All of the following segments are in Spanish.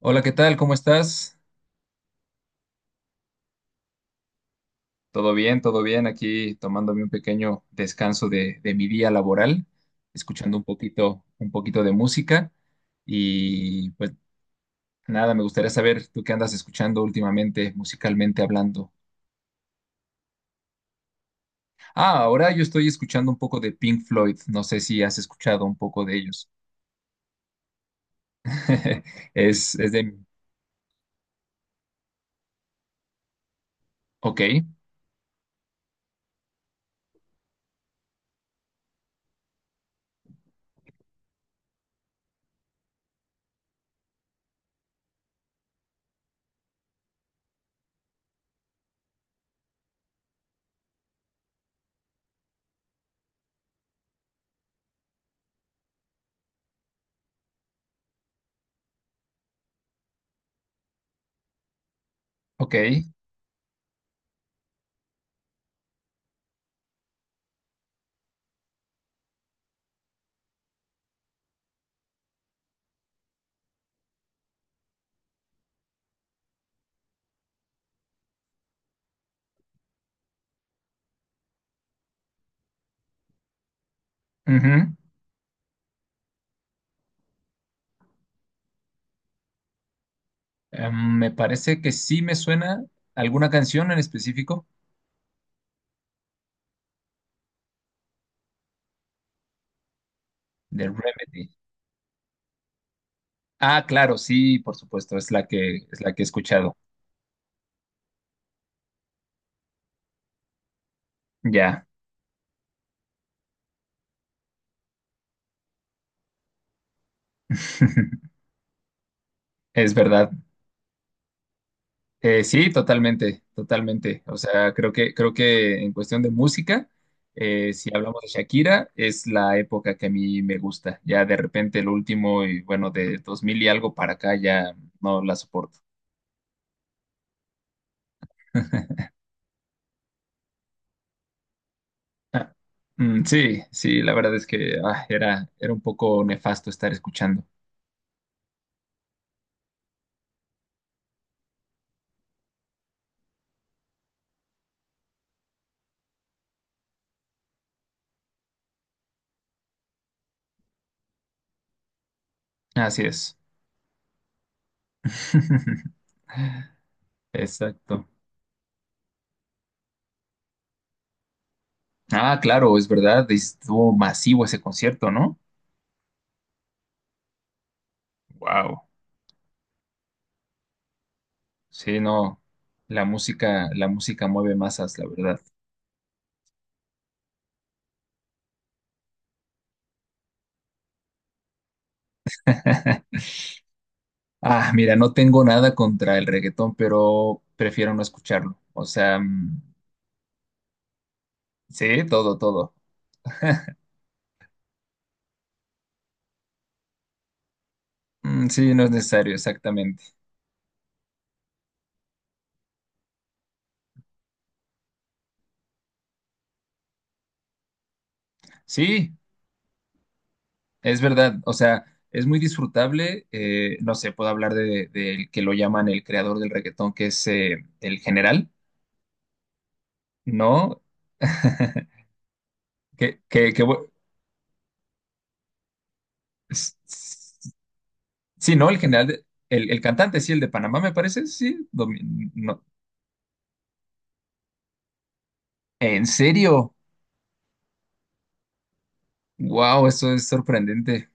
Hola, ¿qué tal? ¿Cómo estás? Todo bien, todo bien. Aquí tomándome un pequeño descanso de mi día laboral, escuchando un poquito de música. Y pues nada, me gustaría saber tú qué andas escuchando últimamente, musicalmente hablando. Ah, ahora yo estoy escuchando un poco de Pink Floyd. No sé si has escuchado un poco de ellos. Es de... Ok, ok. Ujú. Me parece que sí me suena alguna canción en específico de Remedy. Ah, claro, sí, por supuesto, es la que he escuchado. Ya. Es verdad. Sí, totalmente, totalmente. O sea, creo que en cuestión de música, si hablamos de Shakira, es la época que a mí me gusta. Ya de repente el último y bueno, de 2000 y algo para acá ya no la soporto. Ah, mm, sí, sí, la verdad es que era un poco nefasto estar escuchando. Así es. Exacto. Ah, claro, es verdad, estuvo masivo ese concierto, ¿no? Wow. Sí, no. La música mueve masas, la verdad. Ah, mira, no tengo nada contra el reggaetón, pero prefiero no escucharlo. O sea, mm, sí, todo, todo. Mm, sí, no es necesario, exactamente. Sí, es verdad. O sea, es muy disfrutable. No sé, puedo hablar del que lo llaman el creador del reggaetón, que es el general, ¿no? Que, que, que bu- S- s- Sí, no, el general, el cantante, sí, el de Panamá, me parece, sí. No. ¿En serio? Wow, eso es sorprendente.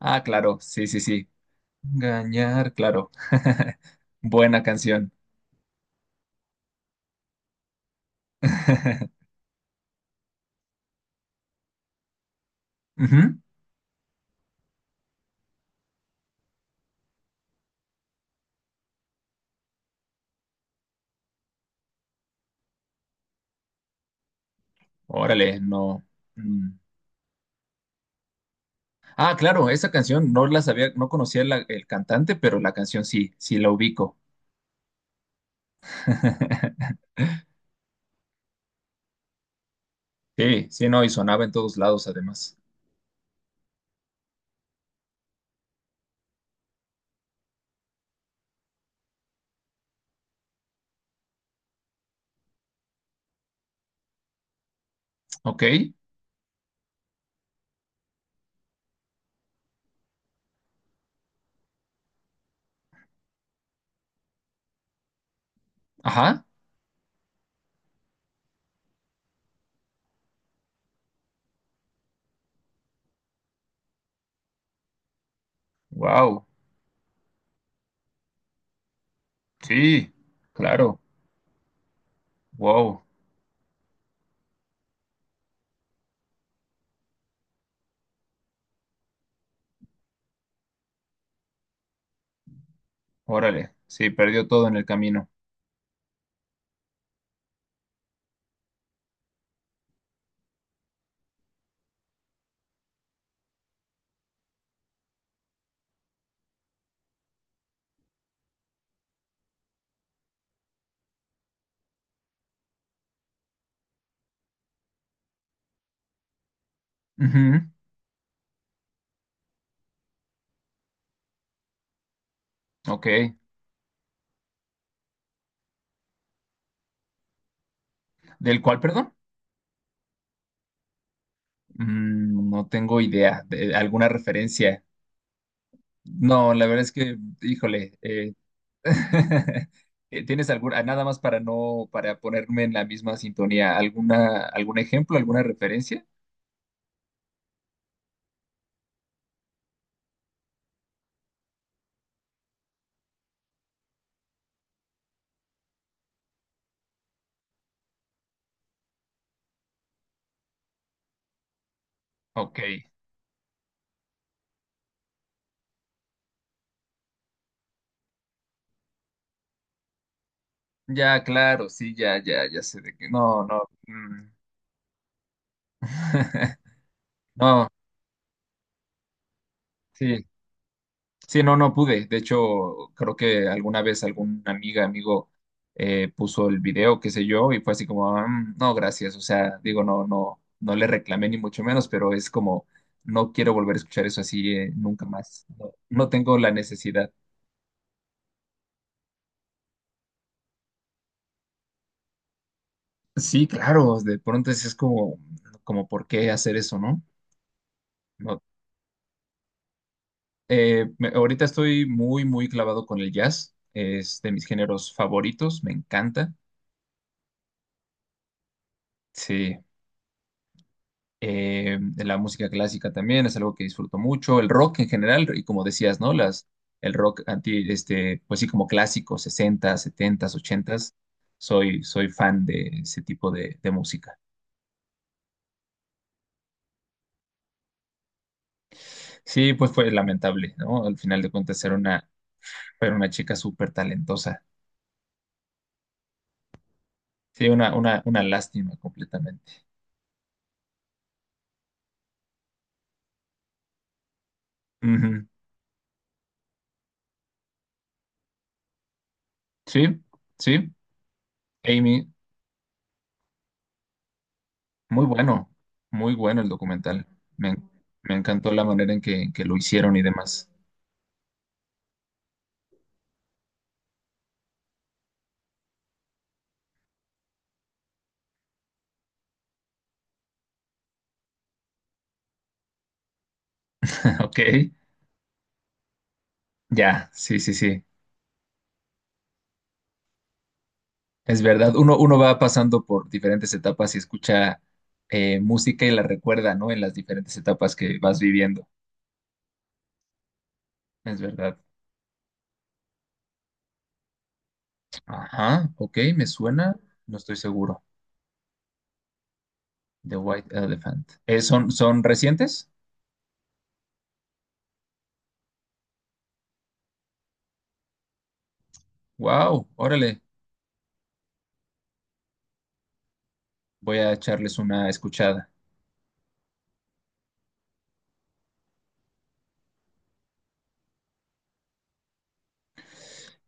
Ah, claro, sí, sí, sí. Engañar, claro. Buena canción. Ujú. Órale, no. Mm. Ah, claro, esa canción no la sabía, no conocía el cantante, pero la canción sí, sí la ubico. Sí, sí, no, y sonaba en todos lados además. Ok, ajá, wow, sí, claro. Wow, órale. Sí, perdió todo en el camino. Ujú, ok. ¿Del cual, perdón? Mm, no tengo idea. ¿De alguna referencia? No, la verdad es que, híjole. ¿Tienes alguna, nada más para no, para ponerme en la misma sintonía, algún ejemplo, alguna referencia? Ok. Ya, claro, sí, ya, ya, ya sé de qué. No, no. Mm. No, sí. Sí, no, no pude. De hecho, creo que alguna vez alguna amiga, amigo puso el video, qué sé yo, y fue así como, "Ah, Mm, no, gracias". O sea, digo, no, no, no le reclamé ni mucho menos, pero es como, no quiero volver a escuchar eso así nunca más. No, no tengo la necesidad. Sí, claro, de pronto es como, ¿por qué hacer eso, no? No. Ahorita estoy muy, muy clavado con el jazz. Es de mis géneros favoritos, me encanta. Sí. La música clásica también es algo que disfruto mucho. El rock en general, y como decías, ¿no? El rock pues sí, como clásico, 60 70, 80. Soy fan de ese tipo de música. Sí, pues fue lamentable, ¿no? Al final de cuentas era una, chica súper talentosa. Sí, una, una lástima completamente. Ujú. Sí, sí, Amy, muy bueno, muy bueno el documental. Me, me encantó la manera en que lo hicieron y demás. Ok, ya, sí, sí, sí. Es verdad, uno va pasando por diferentes etapas y escucha música y la recuerda, ¿no? En las diferentes etapas que vas viviendo. Es verdad. Ajá, ok, me suena, no estoy seguro. The White Elephant. ¿Son recientes? Wow, órale, voy a echarles una escuchada.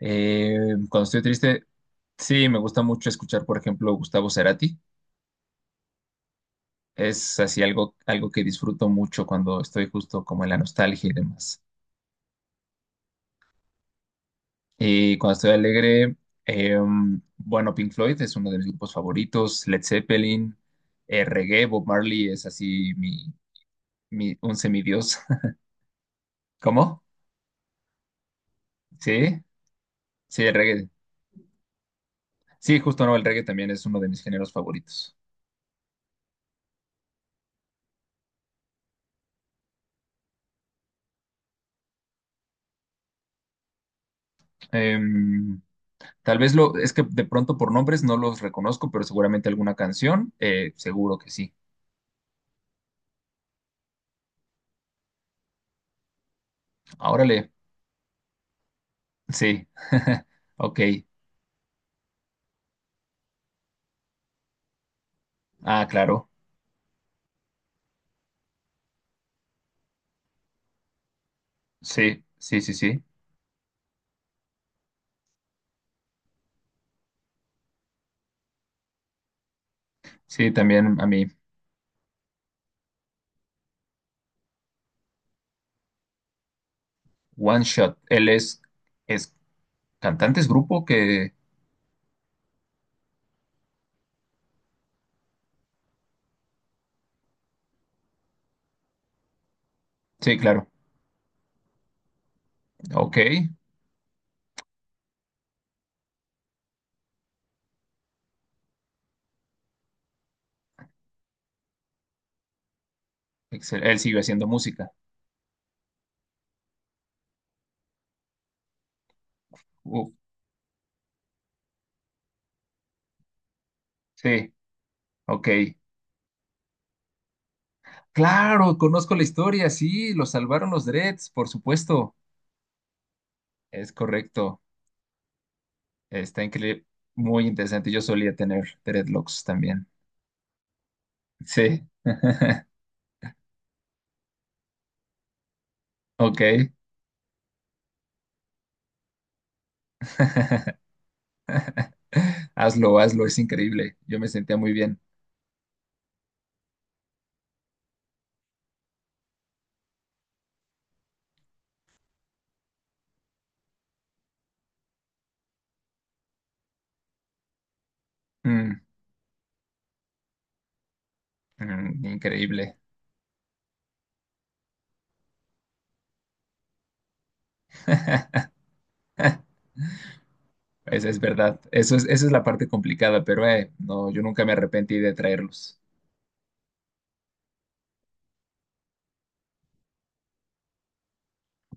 Eh, Cuando estoy triste, sí, me gusta mucho escuchar, por ejemplo, Gustavo Cerati. Es así algo que disfruto mucho cuando estoy justo como en la nostalgia y demás. Y cuando estoy alegre, eh, bueno, Pink Floyd es uno de mis grupos favoritos, Led Zeppelin, reggae, Bob Marley es así un semidios. ¿Cómo? Sí, sí, el reggae. Sí, justo no, el reggae también es uno de mis géneros favoritos. Em, es que de pronto por nombres no los reconozco, pero seguramente alguna canción, seguro que sí. Ah, órale, sí, ok. Ah, claro, sí, sí, sí, sí. Sí, también a mí. One Shot. Él es cantante, es grupo que... Sí, claro. Ok. Él sigue haciendo música. Uf, sí, ok. Claro, conozco la historia, sí, lo salvaron los dreads, por supuesto. Es correcto. Está increíble. Muy interesante. Yo solía tener dreadlocks también. Sí. Ok. Hazlo, hazlo, es increíble. Yo me sentía muy bien. Mm, mm, increíble. Es verdad, eso es, esa es la parte complicada, pero no, yo nunca me arrepentí de traerlos.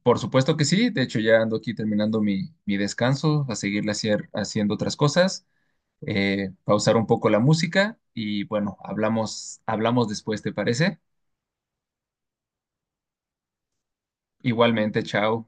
Por supuesto que sí, de hecho ya ando aquí terminando mi descanso, a seguirle haciendo otras cosas, pausar un poco la música y bueno, hablamos después, ¿te parece? Igualmente, chao.